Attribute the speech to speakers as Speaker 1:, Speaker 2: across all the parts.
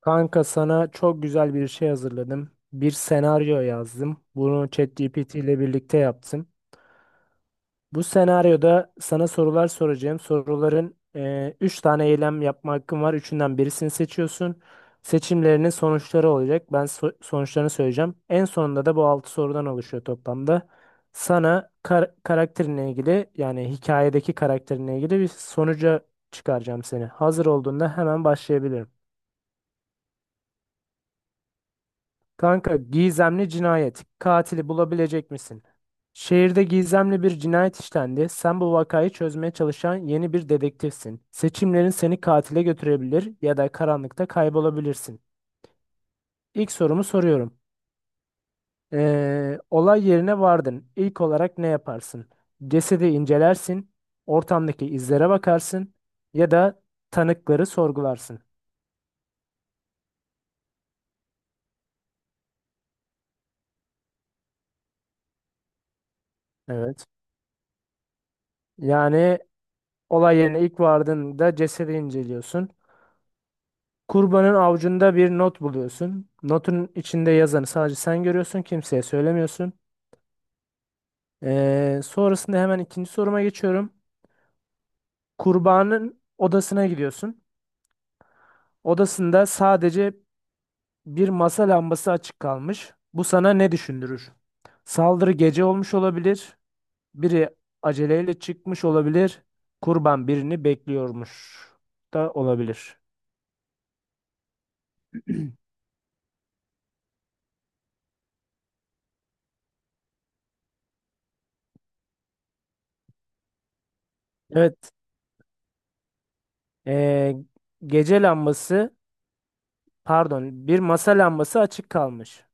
Speaker 1: Kanka sana çok güzel bir şey hazırladım. Bir senaryo yazdım. Bunu ChatGPT ile birlikte yaptım. Bu senaryoda sana sorular soracağım. Soruların 3 tane eylem yapma hakkın var. Üçünden birisini seçiyorsun. Seçimlerinin sonuçları olacak. Ben sonuçlarını söyleyeceğim. En sonunda da bu 6 sorudan oluşuyor toplamda. Sana karakterinle ilgili yani hikayedeki karakterinle ilgili bir sonuca çıkaracağım seni. Hazır olduğunda hemen başlayabilirim. Kanka gizemli cinayet. Katili bulabilecek misin? Şehirde gizemli bir cinayet işlendi. Sen bu vakayı çözmeye çalışan yeni bir dedektifsin. Seçimlerin seni katile götürebilir ya da karanlıkta kaybolabilirsin. İlk sorumu soruyorum. Olay yerine vardın. İlk olarak ne yaparsın? Cesedi incelersin, ortamdaki izlere bakarsın ya da tanıkları sorgularsın. Evet. Yani olay yerine ilk vardığında cesedi inceliyorsun. Kurbanın avucunda bir not buluyorsun. Notun içinde yazanı sadece sen görüyorsun, kimseye söylemiyorsun. Sonrasında hemen ikinci soruma geçiyorum. Kurbanın odasına gidiyorsun. Odasında sadece bir masa lambası açık kalmış. Bu sana ne düşündürür? Saldırı gece olmuş olabilir. Biri aceleyle çıkmış olabilir. Kurban birini bekliyormuş da olabilir. Evet, ee, gece lambası. Pardon, bir masa lambası açık kalmış.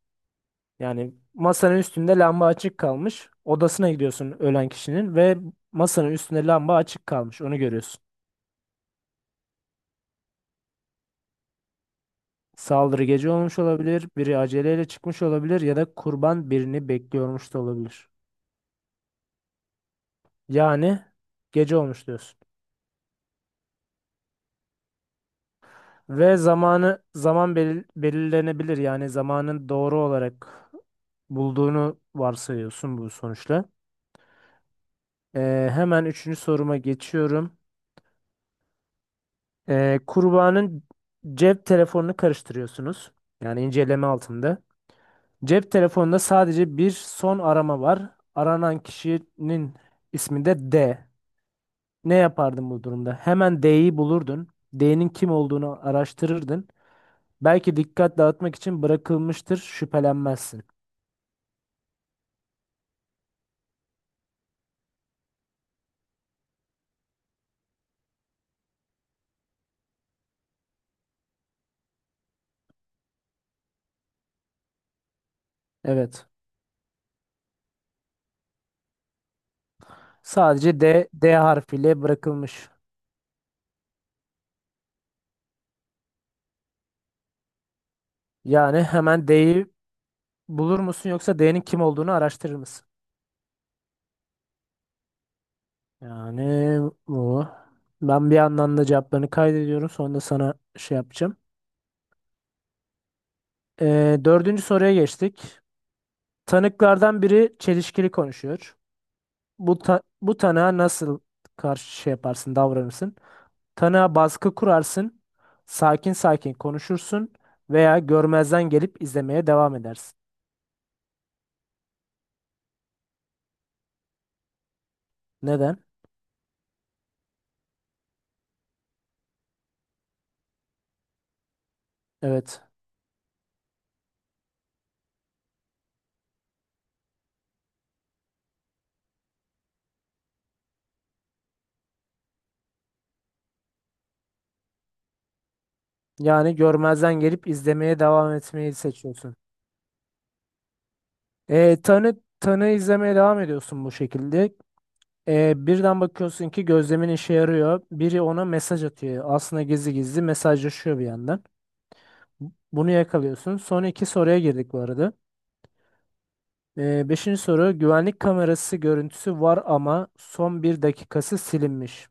Speaker 1: Yani masanın üstünde lamba açık kalmış. Odasına gidiyorsun ölen kişinin ve masanın üstünde lamba açık kalmış. Onu görüyorsun. Saldırı gece olmuş olabilir, biri aceleyle çıkmış olabilir ya da kurban birini bekliyormuş da olabilir. Yani gece olmuş diyorsun. Ve belirlenebilir. Yani zamanın doğru olarak bulduğunu varsayıyorsun bu sonuçla. Hemen üçüncü soruma geçiyorum. Kurbanın cep telefonunu karıştırıyorsunuz. Yani inceleme altında. Cep telefonunda sadece bir son arama var. Aranan kişinin ismi de D. Ne yapardın bu durumda? Hemen D'yi bulurdun. D'nin kim olduğunu araştırırdın. Belki dikkat dağıtmak için bırakılmıştır, şüphelenmezsin. Evet. Sadece D, D harfiyle bırakılmış. Yani hemen D'yi bulur musun yoksa D'nin kim olduğunu araştırır mısın? Yani bu. Ben bir yandan da cevaplarını kaydediyorum. Sonra da sana şey yapacağım. Dördüncü soruya geçtik. Tanıklardan biri çelişkili konuşuyor. Bu tanığa nasıl karşı şey yaparsın, davranırsın? Tanığa baskı kurarsın, sakin sakin konuşursun veya görmezden gelip izlemeye devam edersin. Neden? Evet. Yani görmezden gelip izlemeye devam etmeyi seçiyorsun. Tanığı izlemeye devam ediyorsun bu şekilde. Birden bakıyorsun ki gözlemin işe yarıyor. Biri ona mesaj atıyor. Aslında gizli gizli mesajlaşıyor bir yandan. Bunu yakalıyorsun. Son iki soruya girdik bu arada. Beşinci soru: güvenlik kamerası görüntüsü var ama son bir dakikası silinmiş.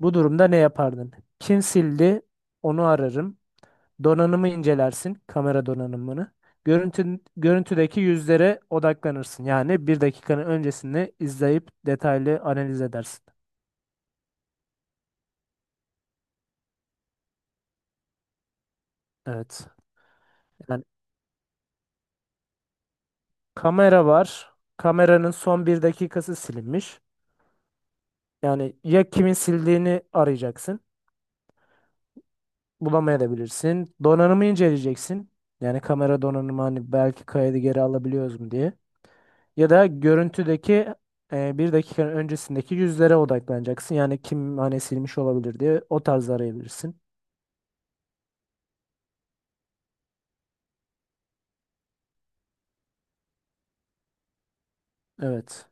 Speaker 1: Bu durumda ne yapardın? Kim sildi? Onu ararım. Donanımı incelersin, kamera donanımını. Görüntü, görüntüdeki yüzlere odaklanırsın. Yani bir dakikanın öncesini izleyip detaylı analiz edersin. Evet. Yani kamera var. Kameranın son bir dakikası silinmiş. Yani ya kimin sildiğini arayacaksın. Bulamayabilirsin. Donanımı inceleyeceksin. Yani kamera donanımı hani belki kaydı geri alabiliyoruz mu diye. Ya da görüntüdeki bir dakikanın öncesindeki yüzlere odaklanacaksın. Yani kim hani silmiş olabilir diye o tarz arayabilirsin. Evet.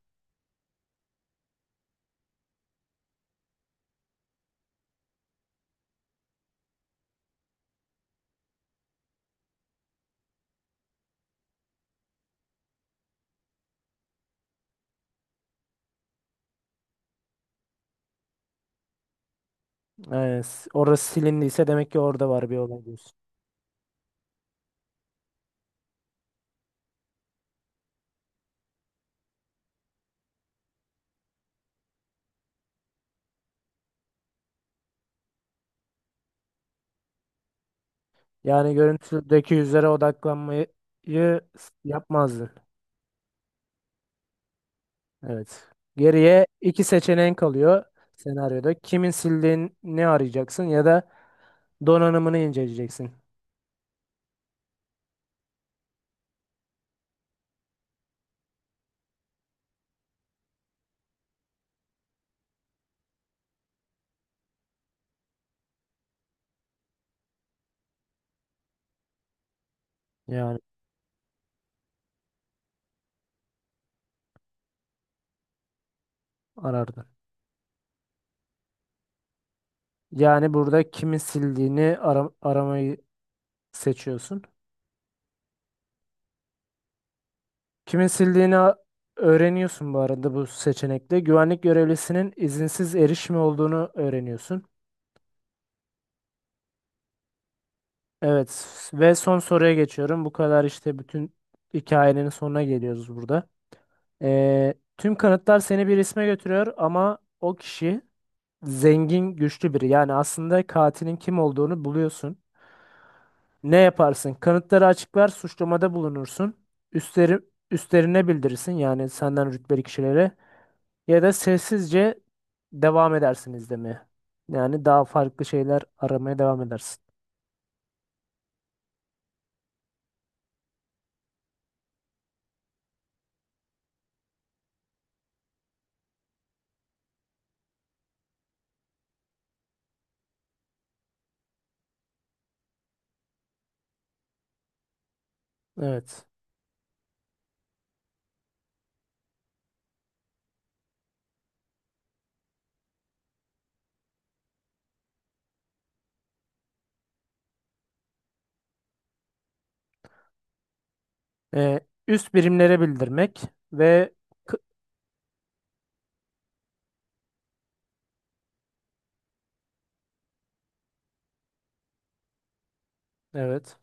Speaker 1: Yani orası silindiyse demek ki orada var bir olay diyorsun. Yani görüntüdeki yüzlere odaklanmayı yapmazdı. Evet. Geriye iki seçeneğin kalıyor senaryoda. Kimin sildiğini arayacaksın ya da donanımını inceleyeceksin. Yani arardın. Yani burada kimin sildiğini aramayı seçiyorsun. Kimin sildiğini öğreniyorsun bu arada bu seçenekte. Güvenlik görevlisinin izinsiz erişimi olduğunu öğreniyorsun. Evet, ve son soruya geçiyorum. Bu kadar işte, bütün hikayenin sonuna geliyoruz burada. Tüm kanıtlar seni bir isme götürüyor ama o kişi zengin, güçlü biri. Yani aslında katilin kim olduğunu buluyorsun. Ne yaparsın? Kanıtları açıklar, suçlamada bulunursun. Üstleri, Üstlerine bildirirsin yani senden rütbeli kişilere. Ya da sessizce devam edersin izlemeye. Yani daha farklı şeyler aramaya devam edersin. Evet. Ee, Üst birimlere bildirmek ve k- evet.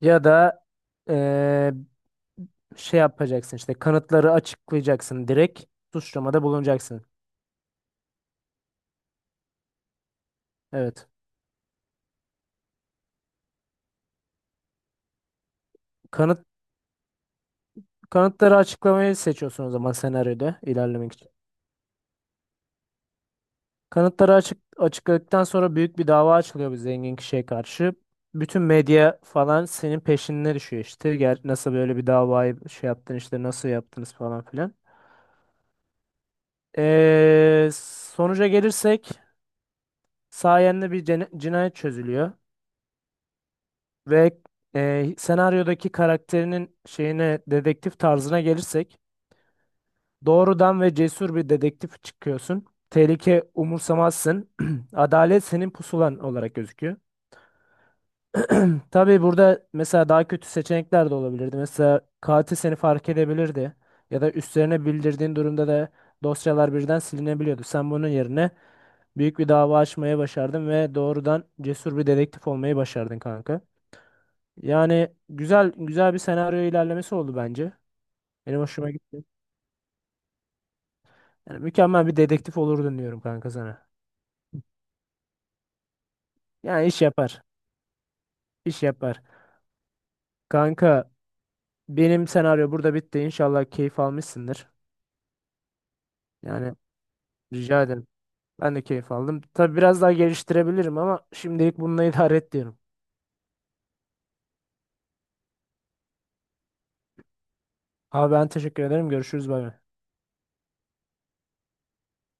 Speaker 1: Ya da ee, şey yapacaksın, işte kanıtları açıklayacaksın, direkt suçlamada bulunacaksın. Evet. Kanıt Kanıtları açıklamayı seçiyorsun o zaman, senaryoda ilerlemek için. Kanıtları açıkladıktan sonra büyük bir dava açılıyor bir zengin kişiye karşı. Bütün medya falan senin peşine düşüyor işte. Gel, nasıl böyle bir davayı şey yaptın işte, nasıl yaptınız falan filan. Ee, Sonuca gelirsek sayende bir cinayet çözülüyor. Ve senaryodaki karakterinin şeyine, dedektif tarzına gelirsek, doğrudan ve cesur bir dedektif çıkıyorsun. Tehlike umursamazsın. Adalet senin pusulan olarak gözüküyor. Tabii burada mesela daha kötü seçenekler de olabilirdi. Mesela katil seni fark edebilirdi. Ya da üstlerine bildirdiğin durumda da dosyalar birden silinebiliyordu. Sen bunun yerine büyük bir dava açmaya başardın ve doğrudan cesur bir dedektif olmayı başardın kanka. Yani güzel güzel bir senaryo ilerlemesi oldu bence. Benim hoşuma gitti. Yani mükemmel bir dedektif olurdun diyorum kanka sana. Yani iş yapar. İş yapar. Kanka benim senaryo burada bitti. İnşallah keyif almışsındır. Yani rica ederim. Ben de keyif aldım. Tabii biraz daha geliştirebilirim ama şimdilik bununla idare et diyorum. Abi ben teşekkür ederim. Görüşürüz. Bay bay.